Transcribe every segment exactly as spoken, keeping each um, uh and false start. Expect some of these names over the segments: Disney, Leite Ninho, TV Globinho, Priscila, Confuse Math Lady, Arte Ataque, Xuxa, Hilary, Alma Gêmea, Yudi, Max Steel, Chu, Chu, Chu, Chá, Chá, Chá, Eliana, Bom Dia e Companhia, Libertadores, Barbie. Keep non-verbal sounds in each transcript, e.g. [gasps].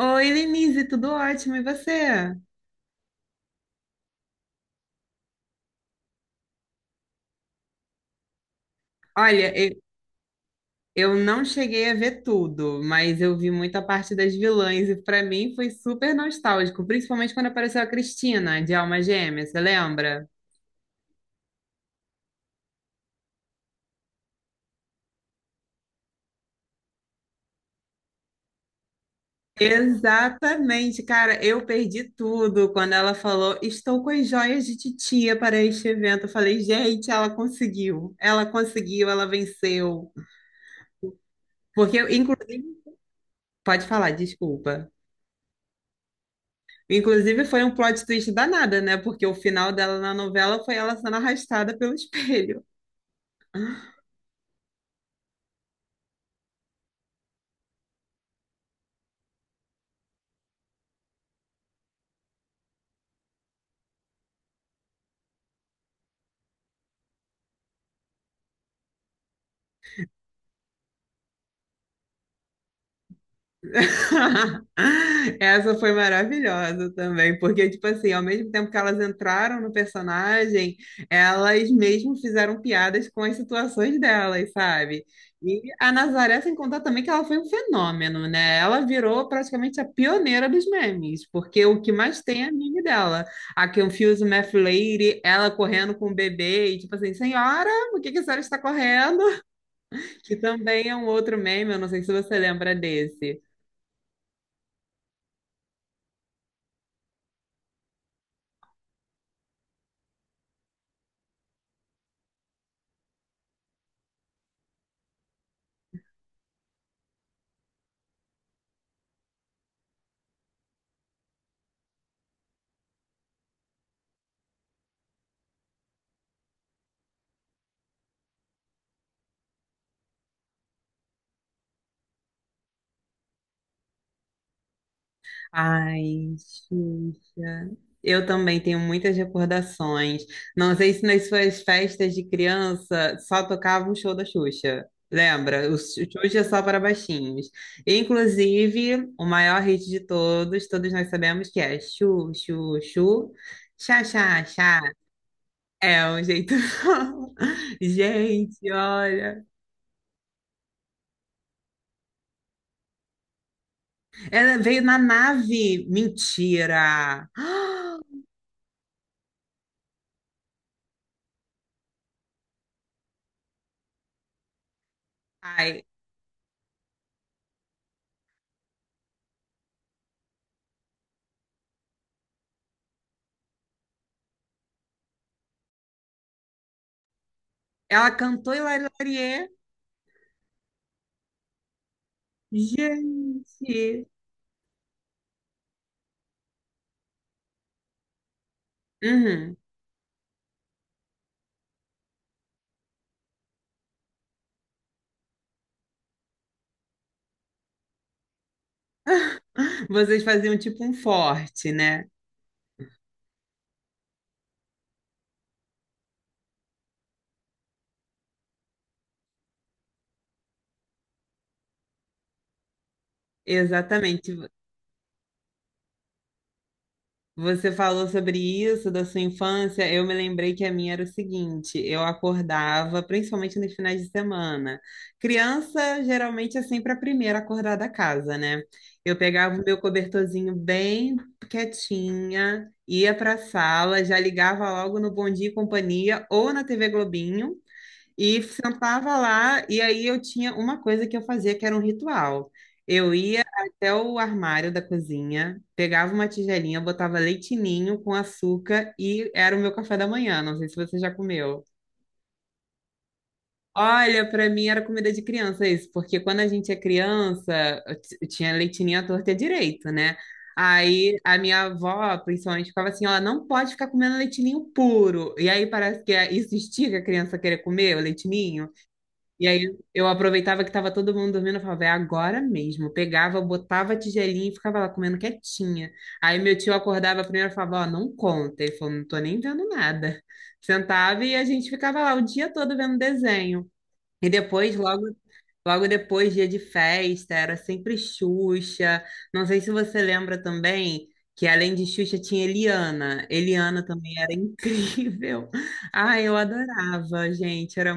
Oi, Lenise, tudo ótimo, e você? Olha, eu, eu não cheguei a ver tudo, mas eu vi muita parte das vilãs e pra mim foi super nostálgico, principalmente quando apareceu a Cristina, de Alma Gêmea, você lembra? Exatamente, cara, eu perdi tudo quando ela falou: "Estou com as joias de titia para este evento". Eu falei: "Gente, ela conseguiu. Ela conseguiu, ela venceu". Porque eu, inclusive, Pode falar, desculpa. Inclusive, foi um plot twist danada, né? Porque o final dela na novela foi ela sendo arrastada pelo espelho. [laughs] Essa foi maravilhosa também, porque, tipo assim, ao mesmo tempo que elas entraram no personagem, elas mesmo fizeram piadas com as situações delas, sabe? E a Nazaré, sem contar também que ela foi um fenômeno, né? Ela virou praticamente a pioneira dos memes, porque o que mais tem é meme dela. A Confuse Math Lady, ela correndo com o bebê e, tipo assim, senhora, por que que a senhora está correndo? [laughs] Que também é um outro meme, eu não sei se você lembra desse. Ai, Xuxa. Eu também tenho muitas recordações. Não sei se nas suas festas de criança só tocava um show da Xuxa. Lembra? O Xuxa só para baixinhos. Inclusive, o maior hit de todos, todos nós sabemos que é Chu, Chu, Chu, Chá, Chá, Chá. É um jeito. [laughs] Gente, olha. Ela veio na nave. Mentira. [gasps] Ai, ela cantou Hilary. Gente! Uhum. [laughs] Vocês faziam tipo um forte, né? Exatamente. Você falou sobre isso da sua infância. Eu me lembrei que a minha era o seguinte: eu acordava, principalmente nos finais de semana. Criança geralmente é sempre a primeira a acordar da casa, né? Eu pegava o meu cobertorzinho bem quietinha, ia para a sala, já ligava logo no Bom Dia e Companhia ou na T V Globinho. E sentava lá, e aí eu tinha uma coisa que eu fazia que era um ritual. Eu ia até o armário da cozinha, pegava uma tigelinha, botava leite ninho com açúcar e era o meu café da manhã. Não sei se você já comeu. Olha, para mim era comida de criança isso, porque quando a gente é criança, eu t- eu tinha leite ninho à torta e à direita, né? Aí a minha avó, principalmente, ficava assim: ó, não pode ficar comendo leite ninho puro. E aí parece que é- isso estica a criança a querer comer o leite ninho. E aí eu aproveitava que tava todo mundo dormindo, eu falava, é agora mesmo. Eu pegava, botava a tigelinha e ficava lá comendo quietinha. Aí meu tio acordava primeiro e falava, ó, não conta. Ele falou, não tô nem vendo nada. [laughs] Sentava e a gente ficava lá o dia todo vendo desenho. E depois, logo, logo depois, dia de festa, era sempre Xuxa. Não sei se você lembra também que além de Xuxa tinha Eliana. Eliana também era incrível. [laughs] Ah, eu adorava, gente. Era.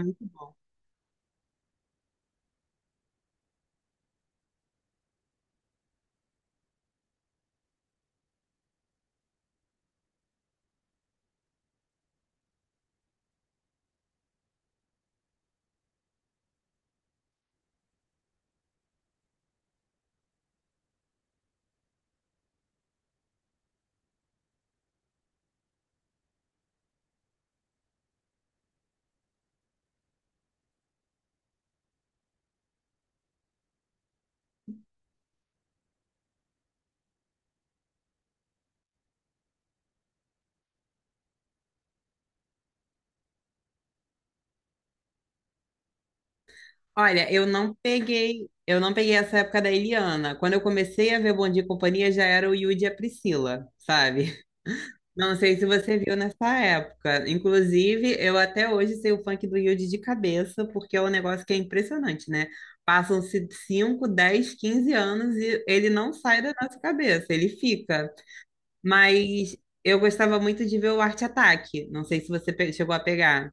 Olha, eu não peguei, eu não peguei essa época da Eliana. Quando eu comecei a ver Bom Dia e Companhia, já era o Yudi e a Priscila, sabe? [laughs] Não sei se você viu nessa época. Inclusive, eu até hoje sei o funk do Yudi de cabeça, porque é um negócio que é impressionante, né? Passam-se cinco, dez, quinze anos e ele não sai da nossa cabeça, ele fica. Mas eu gostava muito de ver o Arte Ataque. Não sei se você pe- chegou a pegar.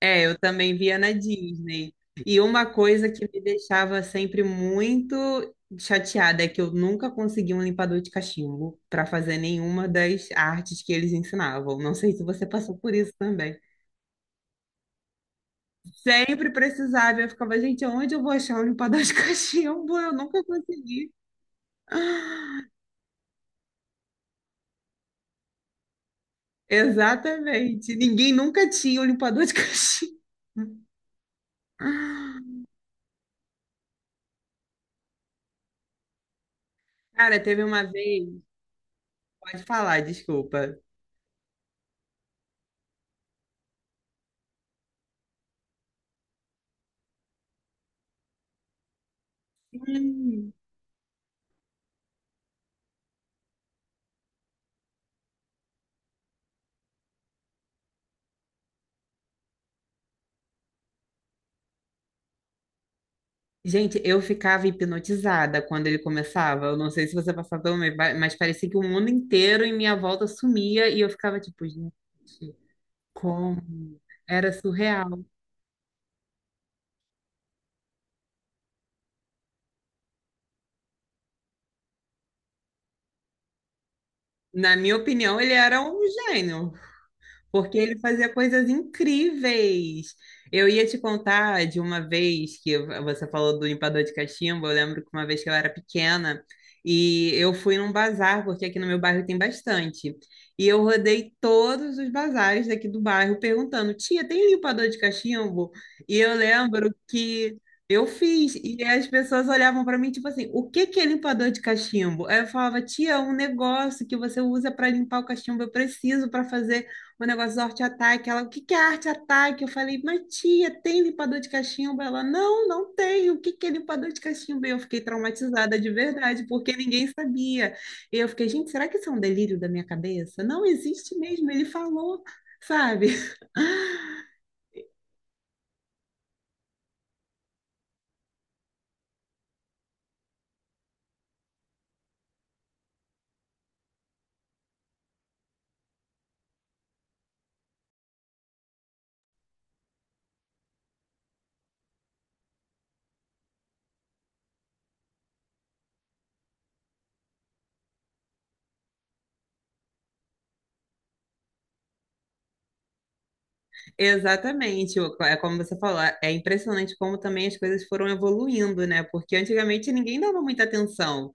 É, eu também via na Disney. E uma coisa que me deixava sempre muito chateada é que eu nunca consegui um limpador de cachimbo para fazer nenhuma das artes que eles ensinavam. Não sei se você passou por isso também. Sempre precisava, eu ficava, gente, onde eu vou achar um limpador de [laughs] cachimbo? Eu nunca consegui. Exatamente. Ninguém nunca tinha um limpador de [laughs] cachimbo. Cara, teve uma vez, pode falar, desculpa. Hum. Gente, eu ficava hipnotizada quando ele começava. Eu não sei se você passava pelo meio, vai- mas parecia que o mundo inteiro em minha volta sumia e eu ficava tipo, gente, como? Era surreal. Na minha opinião, ele era um gênio, porque ele fazia coisas incríveis. Eu ia te contar de uma vez que você falou do limpador de cachimbo. Eu lembro que uma vez que eu era pequena e eu fui num bazar, porque aqui no meu bairro tem bastante. E eu rodei todos os bazares daqui do bairro perguntando: tia, tem limpador de cachimbo? E eu lembro que eu fiz, e as pessoas olhavam para mim, tipo assim, o que que é limpador de cachimbo? Aí eu falava, tia, é um negócio que você usa para limpar o cachimbo, eu preciso para fazer o negócio do Arte Ataque. Ela, o que que é Arte Ataque? Eu falei, mas tia, tem limpador de cachimbo? Ela, não, não tem. O que que é limpador de cachimbo? E eu fiquei traumatizada de verdade, porque ninguém sabia. E eu fiquei, gente, será que isso é um delírio da minha cabeça? Não existe mesmo, ele falou, sabe? Exatamente, o- é como você falou, é impressionante como também as coisas foram evoluindo, né? Porque antigamente ninguém dava muita atenção.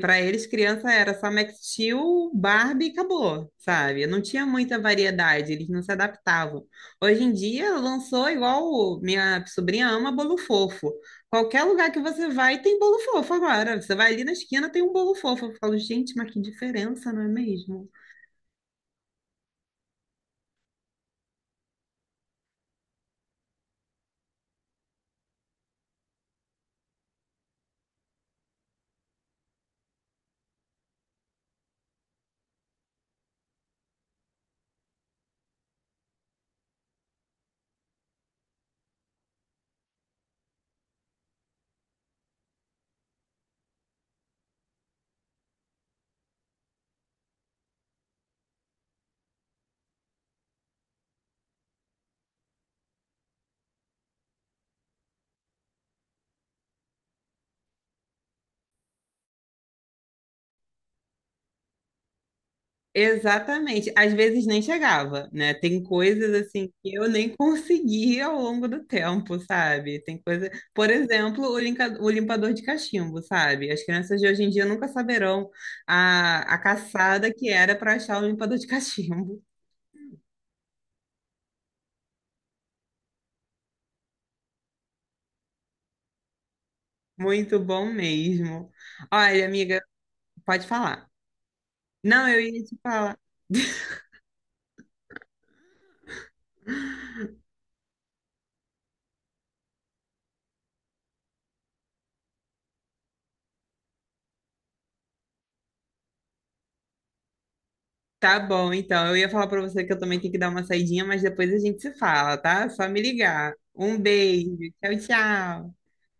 Para eles, criança era só Max Steel, Barbie e acabou, sabe? Não tinha muita variedade, eles não se adaptavam. Hoje em dia, lançou igual o- minha sobrinha ama bolo fofo. Qualquer lugar que você vai, tem bolo fofo agora. Você vai ali na esquina, tem um bolo fofo. Eu falo, gente, mas que diferença, não é mesmo? Exatamente. Às vezes nem chegava, né? Tem coisas assim que eu nem consegui ao longo do tempo, sabe? Tem coisa, por exemplo, o, linca- o limpador de cachimbo, sabe? As crianças de hoje em dia nunca saberão a, a caçada que era para achar o limpador de cachimbo. [laughs] Muito bom mesmo. Olha, amiga, pode falar. Não, eu ia te falar. [laughs] Tá bom, então. Eu ia falar para você que eu também tenho que dar uma saidinha, mas depois a gente se fala, tá? Só me ligar. Um beijo. Tchau, tchau.